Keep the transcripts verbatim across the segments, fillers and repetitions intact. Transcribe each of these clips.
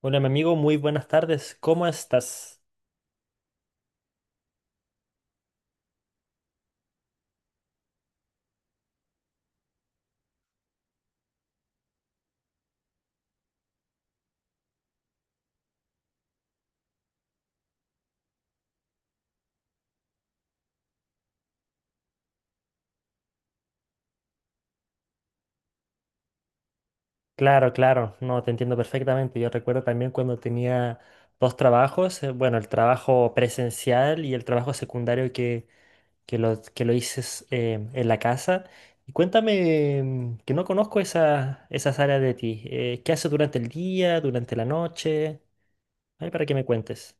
Hola, mi amigo, muy buenas tardes. ¿Cómo estás? Claro, claro, no, te entiendo perfectamente. Yo recuerdo también cuando tenía dos trabajos, eh, bueno, el trabajo presencial y el trabajo secundario que, que lo, que lo hice s- em, en la casa. Y cuéntame, em, que no conozco esa, esas áreas de ti. Eh, ¿qué haces durante el día, durante la noche? Ay, para que me cuentes.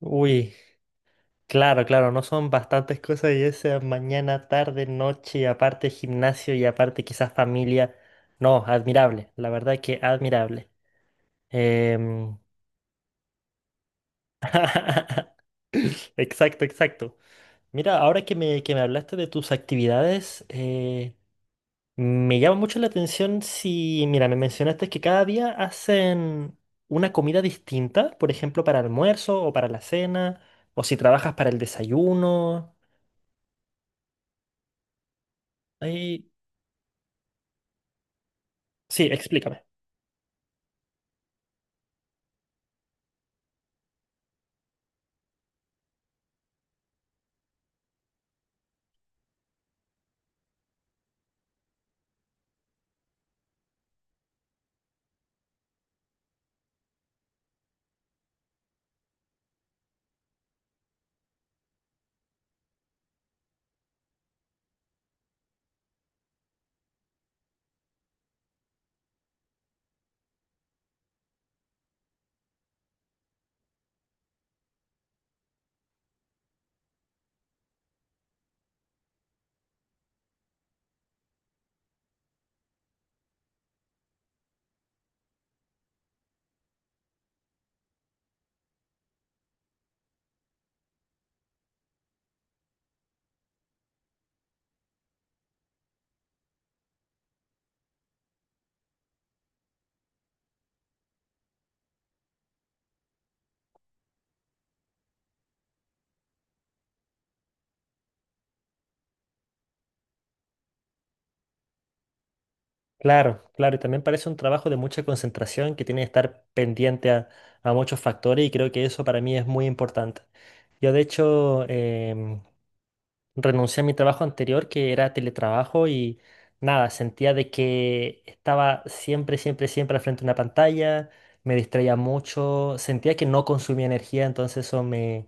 Uy. Claro, claro, no son bastantes cosas y esa mañana, tarde, noche, aparte gimnasio y aparte quizás familia. No, admirable, la verdad que admirable. Em, Exacto, exacto. Mira, ahora que me, que me hablaste de tus actividades, eh, me llama mucho la atención si, mira, me mencionaste que cada día hacen una comida distinta, por ejemplo, para almuerzo o para la cena, o si trabajas para el desayuno. Ahí- sí, explícame. Claro, claro, y también parece un trabajo de mucha concentración que tiene que estar pendiente a, a muchos factores y creo que eso para mí es muy importante. Yo de hecho em, renuncié a mi trabajo anterior que era teletrabajo y nada, sentía de que estaba siempre, siempre, siempre al frente de una pantalla, me distraía mucho, sentía que no consumía energía, entonces eso me,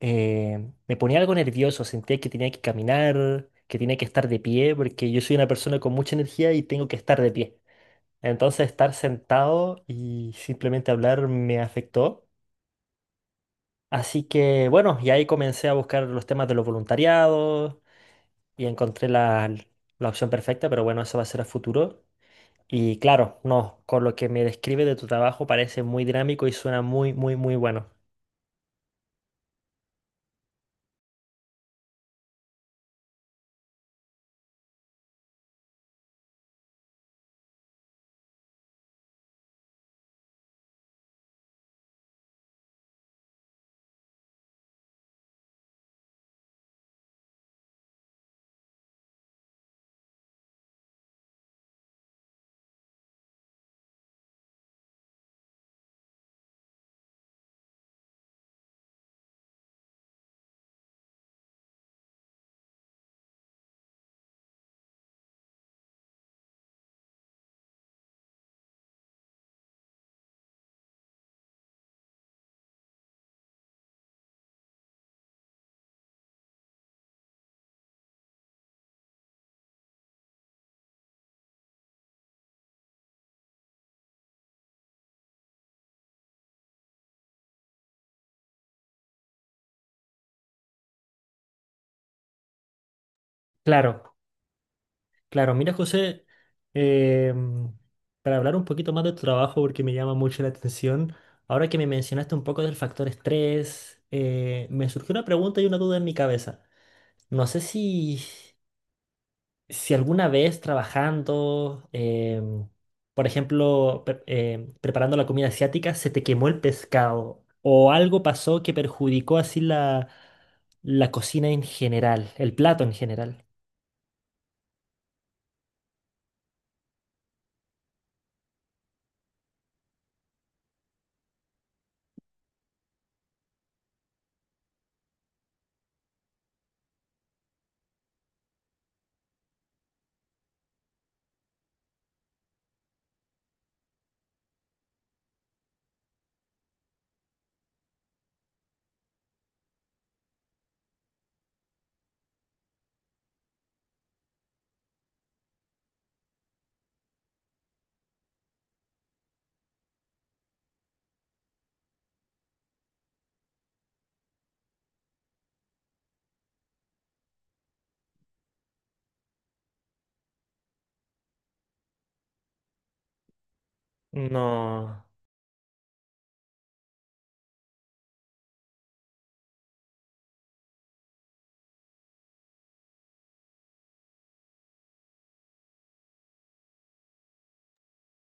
eh, me ponía algo nervioso, sentía que tenía que caminar, que tenía que estar de pie, porque yo soy una persona con mucha energía y tengo que estar de pie. Entonces estar sentado y simplemente hablar me afectó. Así que bueno, y ahí comencé a buscar los temas de los voluntariados y encontré la, la opción perfecta, pero bueno, eso va a ser a futuro. Y claro, no, con lo que me describe de tu trabajo parece muy dinámico y suena muy, muy, muy bueno. Claro, claro. Mira, José, em, para hablar un poquito más de tu trabajo, porque me llama mucho la atención, ahora que me mencionaste un poco del factor estrés, eh, me surgió una pregunta y una duda en mi cabeza. No sé si, si alguna vez trabajando, em, por ejemplo, pre- em, preparando la comida asiática, se te quemó el pescado o algo pasó que perjudicó así la, la cocina en general, el plato en general. No,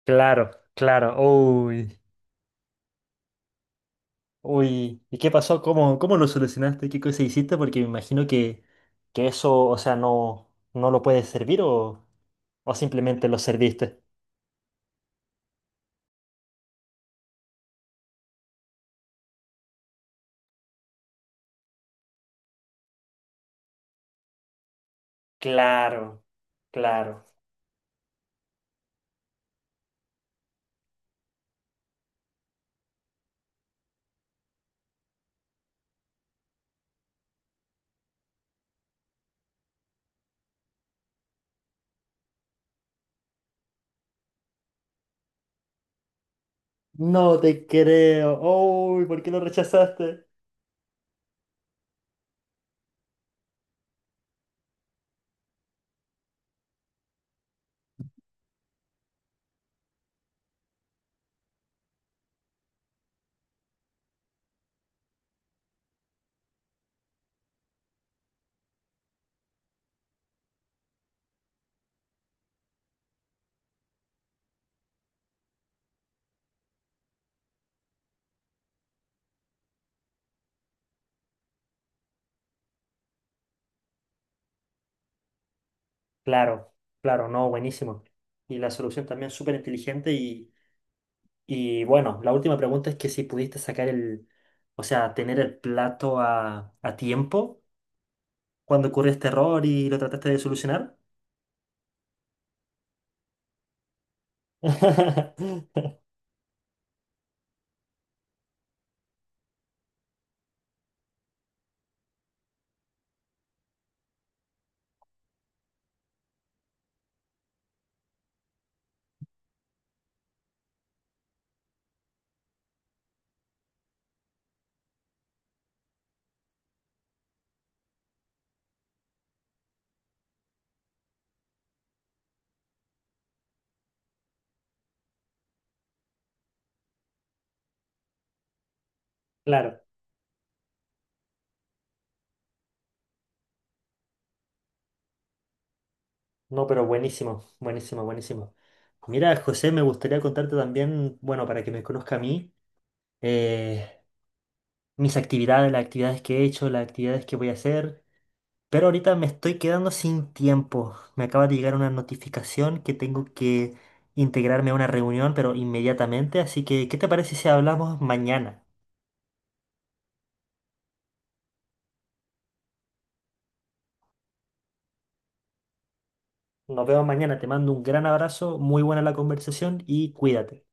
claro, claro. Uy, uy. ¿Y qué pasó? ¿Cómo, cómo lo solucionaste? ¿Qué cosa hiciste? Porque me imagino que, que eso, o sea, no, no lo puedes servir o, o simplemente lo serviste. Claro, claro. No te creo. Uy, ¿por qué lo rechazaste? Claro, claro, no, buenísimo. Y la solución también súper inteligente y, y bueno, la última pregunta es que si pudiste sacar el, o sea, tener el plato a, a tiempo cuando ocurrió este error y lo trataste de solucionar. Claro, no, pero buenísimo, buenísimo, buenísimo. Mira, José, me gustaría contarte también, bueno, para que me conozca a mí, eh, mis actividades, las actividades que he hecho, las actividades que voy a hacer. Pero ahorita me estoy quedando sin tiempo. Me acaba de llegar una notificación que tengo que integrarme a una reunión, pero inmediatamente. Así que, ¿qué te parece si hablamos mañana? Nos vemos mañana. Te mando un gran abrazo, muy buena la conversación y cuídate.